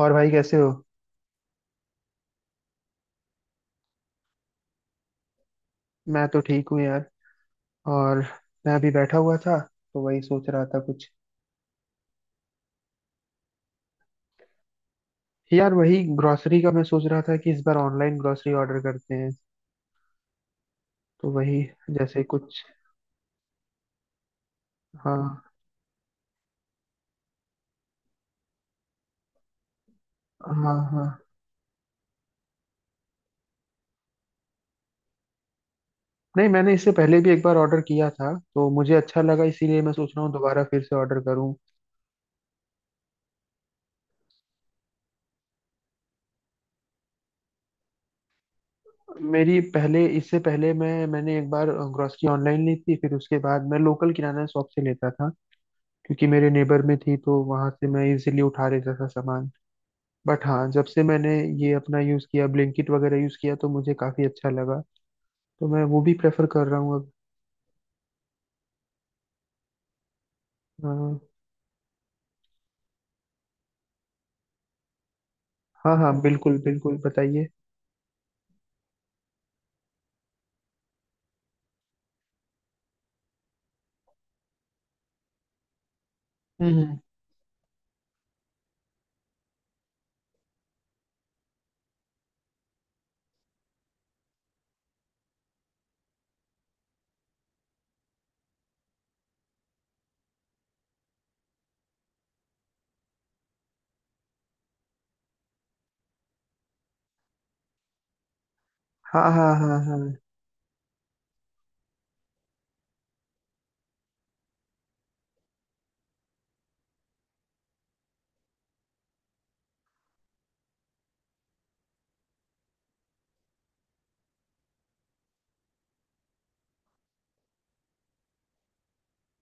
और भाई कैसे हो? मैं तो ठीक हूँ यार। और, मैं अभी बैठा हुआ था तो वही सोच रहा था कुछ। यार वही ग्रोसरी का मैं सोच रहा था कि इस बार ऑनलाइन ग्रोसरी ऑर्डर करते हैं, तो वही जैसे कुछ। हाँ हाँ हाँ, नहीं मैंने इससे पहले भी एक बार ऑर्डर किया था तो मुझे अच्छा लगा, इसीलिए मैं सोच रहा हूँ दोबारा फिर से ऑर्डर करूँ। मेरी पहले, इससे पहले मैंने एक बार ग्रोसरी ऑनलाइन ली थी, फिर उसके बाद मैं लोकल किराना शॉप से लेता था क्योंकि मेरे नेबर में थी, तो वहां से मैं इजीली उठा लेता था सामान। बट हाँ, जब से मैंने ये अपना यूज़ किया, ब्लिंकिट वगैरह यूज़ किया, तो मुझे काफ़ी अच्छा लगा, तो मैं वो भी प्रेफर कर रहा हूँ अब। अ, हाँ हाँ बिल्कुल बिल्कुल बताइए। हम्म हम्म। हाँ हाँ हाँ हाँ।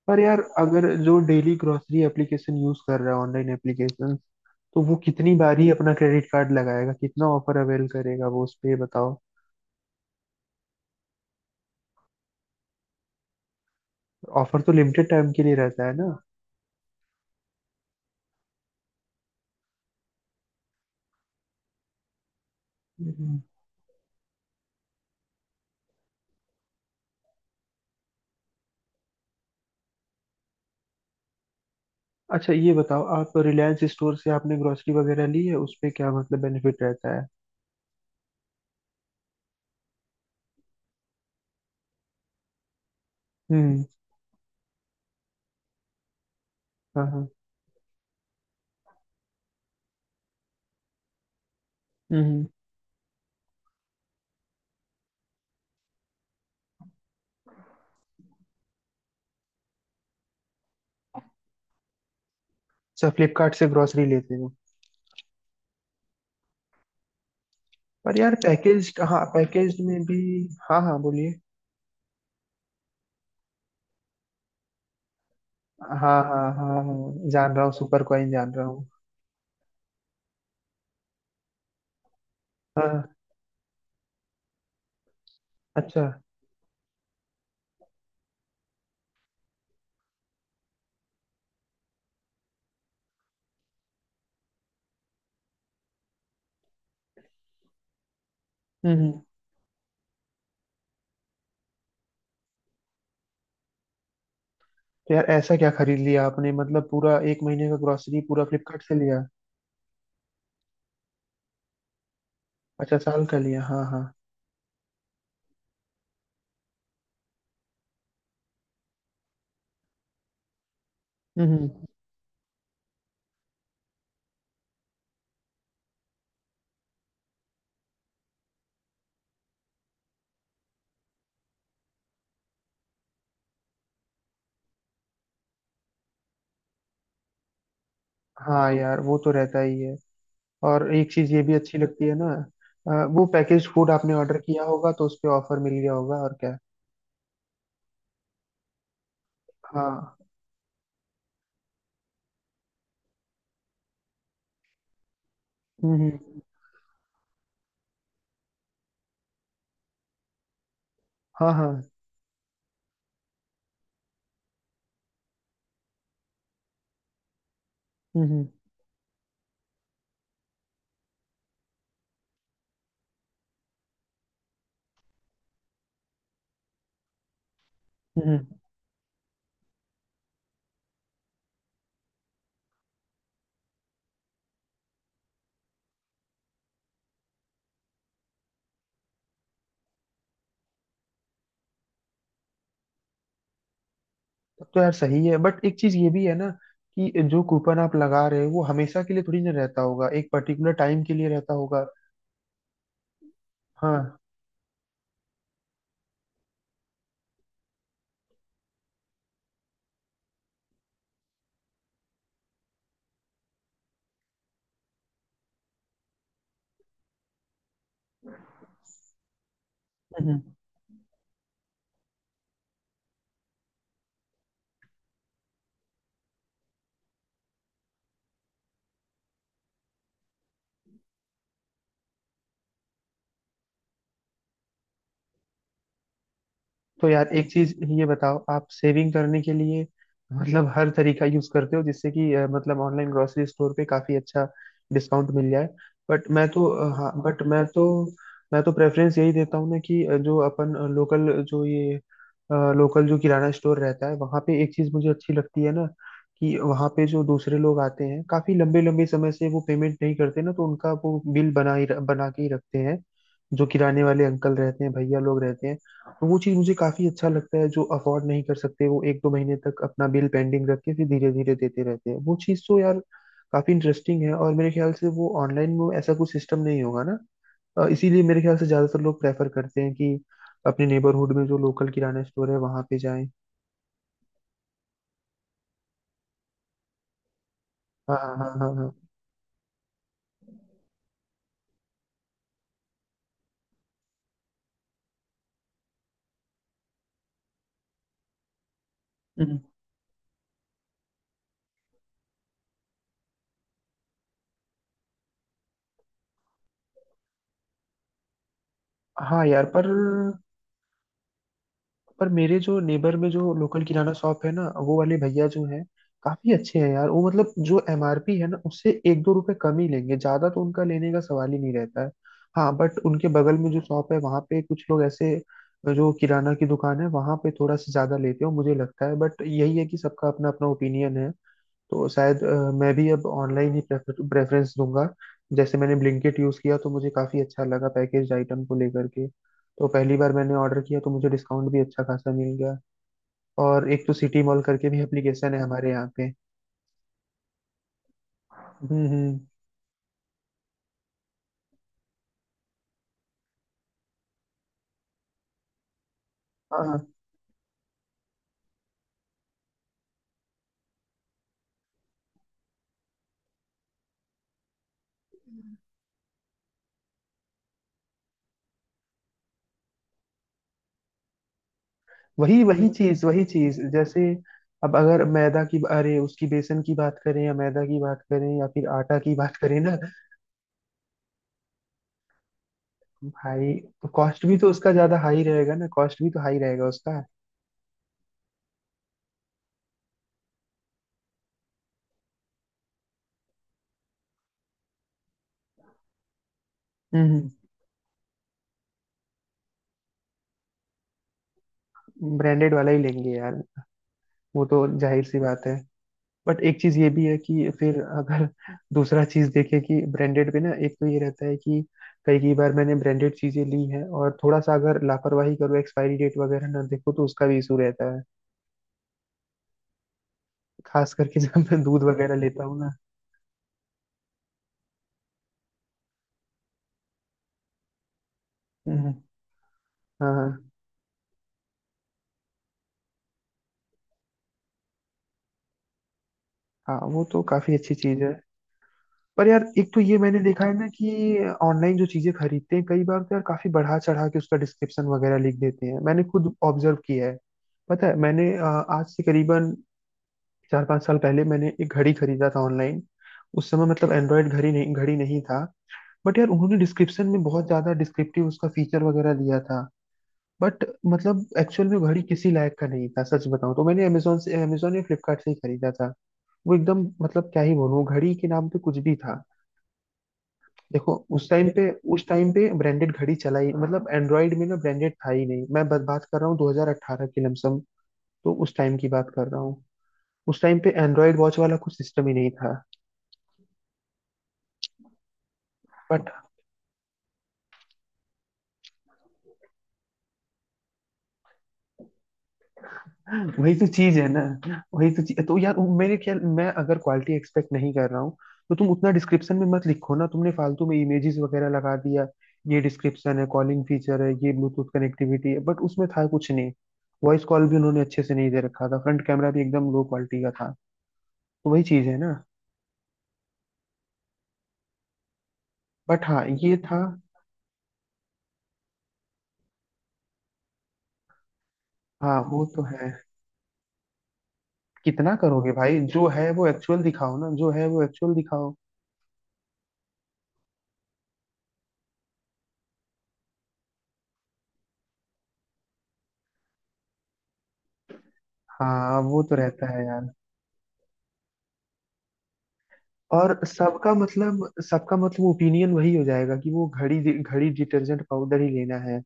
पर यार अगर जो डेली ग्रोसरी एप्लीकेशन यूज़ कर रहा है, ऑनलाइन एप्लीकेशन, तो वो कितनी बार ही अपना क्रेडिट कार्ड लगाएगा, कितना ऑफर अवेल करेगा वो उस पे, ये बताओ। ऑफर तो लिमिटेड टाइम के लिए रहता है ना? हम्म। अच्छा ये बताओ, आप रिलायंस स्टोर से आपने ग्रोसरी वगैरह ली है, उस पे क्या मतलब बेनिफिट रहता है? हम्म। हाँ हाँ। हम्म। अच्छा, फ्लिपकार्ट से ग्रोसरी लेते हो? पर यार पैकेज, हाँ पैकेज में भी। हाँ हाँ बोलिए। हाँ हाँ हाँ हाँ जान रहा हूँ, सुपर कॉइन जान रहा हूँ। हाँ। अच्छा। हम्म हम्म। तो यार ऐसा क्या खरीद लिया आपने? मतलब पूरा एक महीने का ग्रोसरी पूरा फ्लिपकार्ट से लिया? अच्छा साल का लिया, हाँ हाँ। हम्म हम्म। हाँ यार वो तो रहता ही है। और एक चीज ये भी अच्छी लगती है ना। वो पैकेज फूड आपने ऑर्डर किया होगा तो उस पे ऑफर मिल गया होगा और क्या। हाँ। हम्म हम्म। हाँ हाँ। हम्म। हम्म। तब तो यार सही है, बट एक चीज ये भी है ना कि जो कूपन आप लगा रहे हो वो हमेशा के लिए थोड़ी ना रहता होगा, एक पर्टिकुलर टाइम के लिए रहता होगा। हाँ। हम्म। तो यार एक चीज ये बताओ, आप सेविंग करने के लिए मतलब हर तरीका यूज करते हो जिससे कि मतलब ऑनलाइन ग्रोसरी स्टोर पे काफी अच्छा डिस्काउंट मिल जाए। बट मैं तो, हाँ बट मैं तो प्रेफरेंस यही देता हूँ ना कि जो अपन लोकल, जो ये लोकल जो किराना स्टोर रहता है वहाँ पे एक चीज मुझे अच्छी लगती है ना, कि वहाँ पे जो दूसरे लोग आते हैं काफी लंबे लंबे समय से वो पेमेंट नहीं करते ना, तो उनका वो बिल बना ही बना के ही रखते हैं जो किराने वाले अंकल रहते हैं, भैया लोग रहते हैं। तो वो चीज मुझे काफी अच्छा लगता है, जो अफोर्ड नहीं कर सकते वो एक दो महीने तक अपना बिल पेंडिंग रख के फिर धीरे धीरे देते रहते हैं। वो चीज तो यार काफी इंटरेस्टिंग है, और मेरे ख्याल से वो ऑनलाइन में ऐसा कुछ सिस्टम नहीं होगा ना। इसीलिए मेरे ख्याल से ज्यादातर लोग प्रेफर करते हैं कि अपने नेबरहुड में जो लोकल किराना स्टोर है वहां पे जाएं। हाँ हाँ हाँ हाँ हाँ। हम्म। हाँ यार, पर मेरे जो नेबर में जो लोकल किराना शॉप है ना, वो वाले भैया जो हैं काफी अच्छे हैं यार, वो मतलब जो एमआरपी है ना उससे एक दो रुपए कम ही लेंगे, ज्यादा तो उनका लेने का सवाल ही नहीं रहता है। हाँ बट उनके बगल में जो शॉप है वहाँ पे कुछ लोग ऐसे, जो किराना की दुकान है वहाँ पे थोड़ा सा ज्यादा लेते हो मुझे लगता है। बट यही है कि सबका अपना अपना ओपिनियन है, तो शायद मैं भी अब ऑनलाइन ही प्रेफरेंस दूंगा। जैसे मैंने ब्लिंकिट यूज़ किया तो मुझे काफ़ी अच्छा लगा पैकेज आइटम को लेकर के, तो पहली बार मैंने ऑर्डर किया तो मुझे डिस्काउंट भी अच्छा खासा मिल गया। और एक तो सिटी मॉल करके भी एप्लीकेशन है हमारे यहाँ पे। हम्म। हाँ हाँ। वही वही चीज़ जैसे, अब अगर मैदा की, अरे उसकी बेसन की बात करें या मैदा की बात करें या फिर आटा की बात करें ना भाई, तो कॉस्ट भी तो उसका ज़्यादा हाई रहेगा ना, कॉस्ट भी तो हाई रहेगा उसका। हम्म हम्म। ब्रांडेड वाला ही लेंगे यार, वो तो जाहिर सी बात है। बट एक चीज ये भी है कि फिर अगर दूसरा चीज देखें कि ब्रांडेड पे ना एक तो ये रहता है कि कई कई बार मैंने ब्रांडेड चीजें ली हैं और थोड़ा सा अगर लापरवाही करो, एक्सपायरी डेट वगैरह ना देखो तो उसका भी इशू रहता है, खास करके जब मैं दूध वगैरह लेता हूँ ना। हम्म, हाँ हाँ वो तो काफी अच्छी चीज है। पर यार एक तो ये मैंने देखा है ना कि ऑनलाइन जो चीजें खरीदते हैं, कई बार तो यार काफी बढ़ा चढ़ा के उसका डिस्क्रिप्शन वगैरह लिख देते हैं, मैंने खुद ऑब्जर्व किया है। पता है, मैंने आज से करीबन 4 5 साल पहले मैंने एक घड़ी खरीदा था ऑनलाइन। उस समय मतलब एंड्रॉयड घड़ी नहीं था। बट यार उन्होंने डिस्क्रिप्शन में बहुत ज्यादा डिस्क्रिप्टिव उसका फीचर वगैरह दिया था। बट मतलब एक्चुअल में घड़ी किसी लायक का नहीं था, सच बताऊं तो मैंने अमेजोन या फ्लिपकार्ट से ही खरीदा था। वो एकदम, मतलब क्या ही बोलूं, घड़ी के नाम पे कुछ भी था। देखो उस टाइम पे ब्रांडेड घड़ी चला ही, मतलब एंड्रॉयड में ना ब्रांडेड था ही नहीं, मैं बस बात कर रहा हूँ 2018 की लमसम। तो उस टाइम की बात कर रहा हूँ, उस टाइम पे एंड्रॉयड वॉच वाला कुछ सिस्टम ही नहीं था। बट वही तो चीज है ना, वही तो चीज, तो यार मेरे ख्याल, मैं अगर क्वालिटी एक्सपेक्ट नहीं कर रहा हूँ तो तुम उतना डिस्क्रिप्शन में मत लिखो ना, तुमने फालतू में इमेजेस वगैरह लगा दिया, ये डिस्क्रिप्शन है, कॉलिंग फीचर है, ये ब्लूटूथ कनेक्टिविटी है, बट उसमें था कुछ नहीं। वॉइस कॉल भी उन्होंने अच्छे से नहीं दे रखा था, फ्रंट कैमरा भी एकदम लो क्वालिटी का था। तो वही चीज है ना। बट हाँ ये था। हाँ वो तो है, कितना करोगे भाई, जो है वो एक्चुअल दिखाओ ना, जो है वो एक्चुअल दिखाओ। हाँ वो तो रहता है यार। और सबका मतलब, सबका मतलब ओपिनियन वही हो जाएगा कि वो घड़ी घड़ी डिटर्जेंट पाउडर ही लेना है,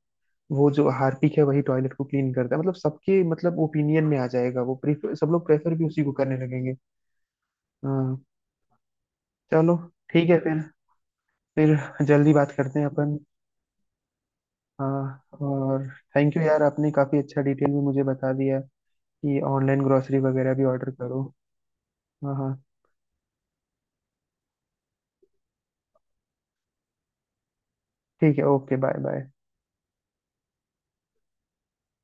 वो जो हार्पिक है वही टॉयलेट को क्लीन करता है, मतलब सबके मतलब ओपिनियन में आ जाएगा, वो प्रेफर सब लोग प्रेफर भी उसी को करने लगेंगे। हाँ। चलो ठीक है फिर जल्दी बात करते हैं अपन। हाँ। और थैंक यू यार, आपने काफी अच्छा डिटेल में मुझे बता दिया कि ऑनलाइन ग्रोसरी वगैरह भी ऑर्डर करो। हाँ हाँ ठीक है, ओके बाय बाय।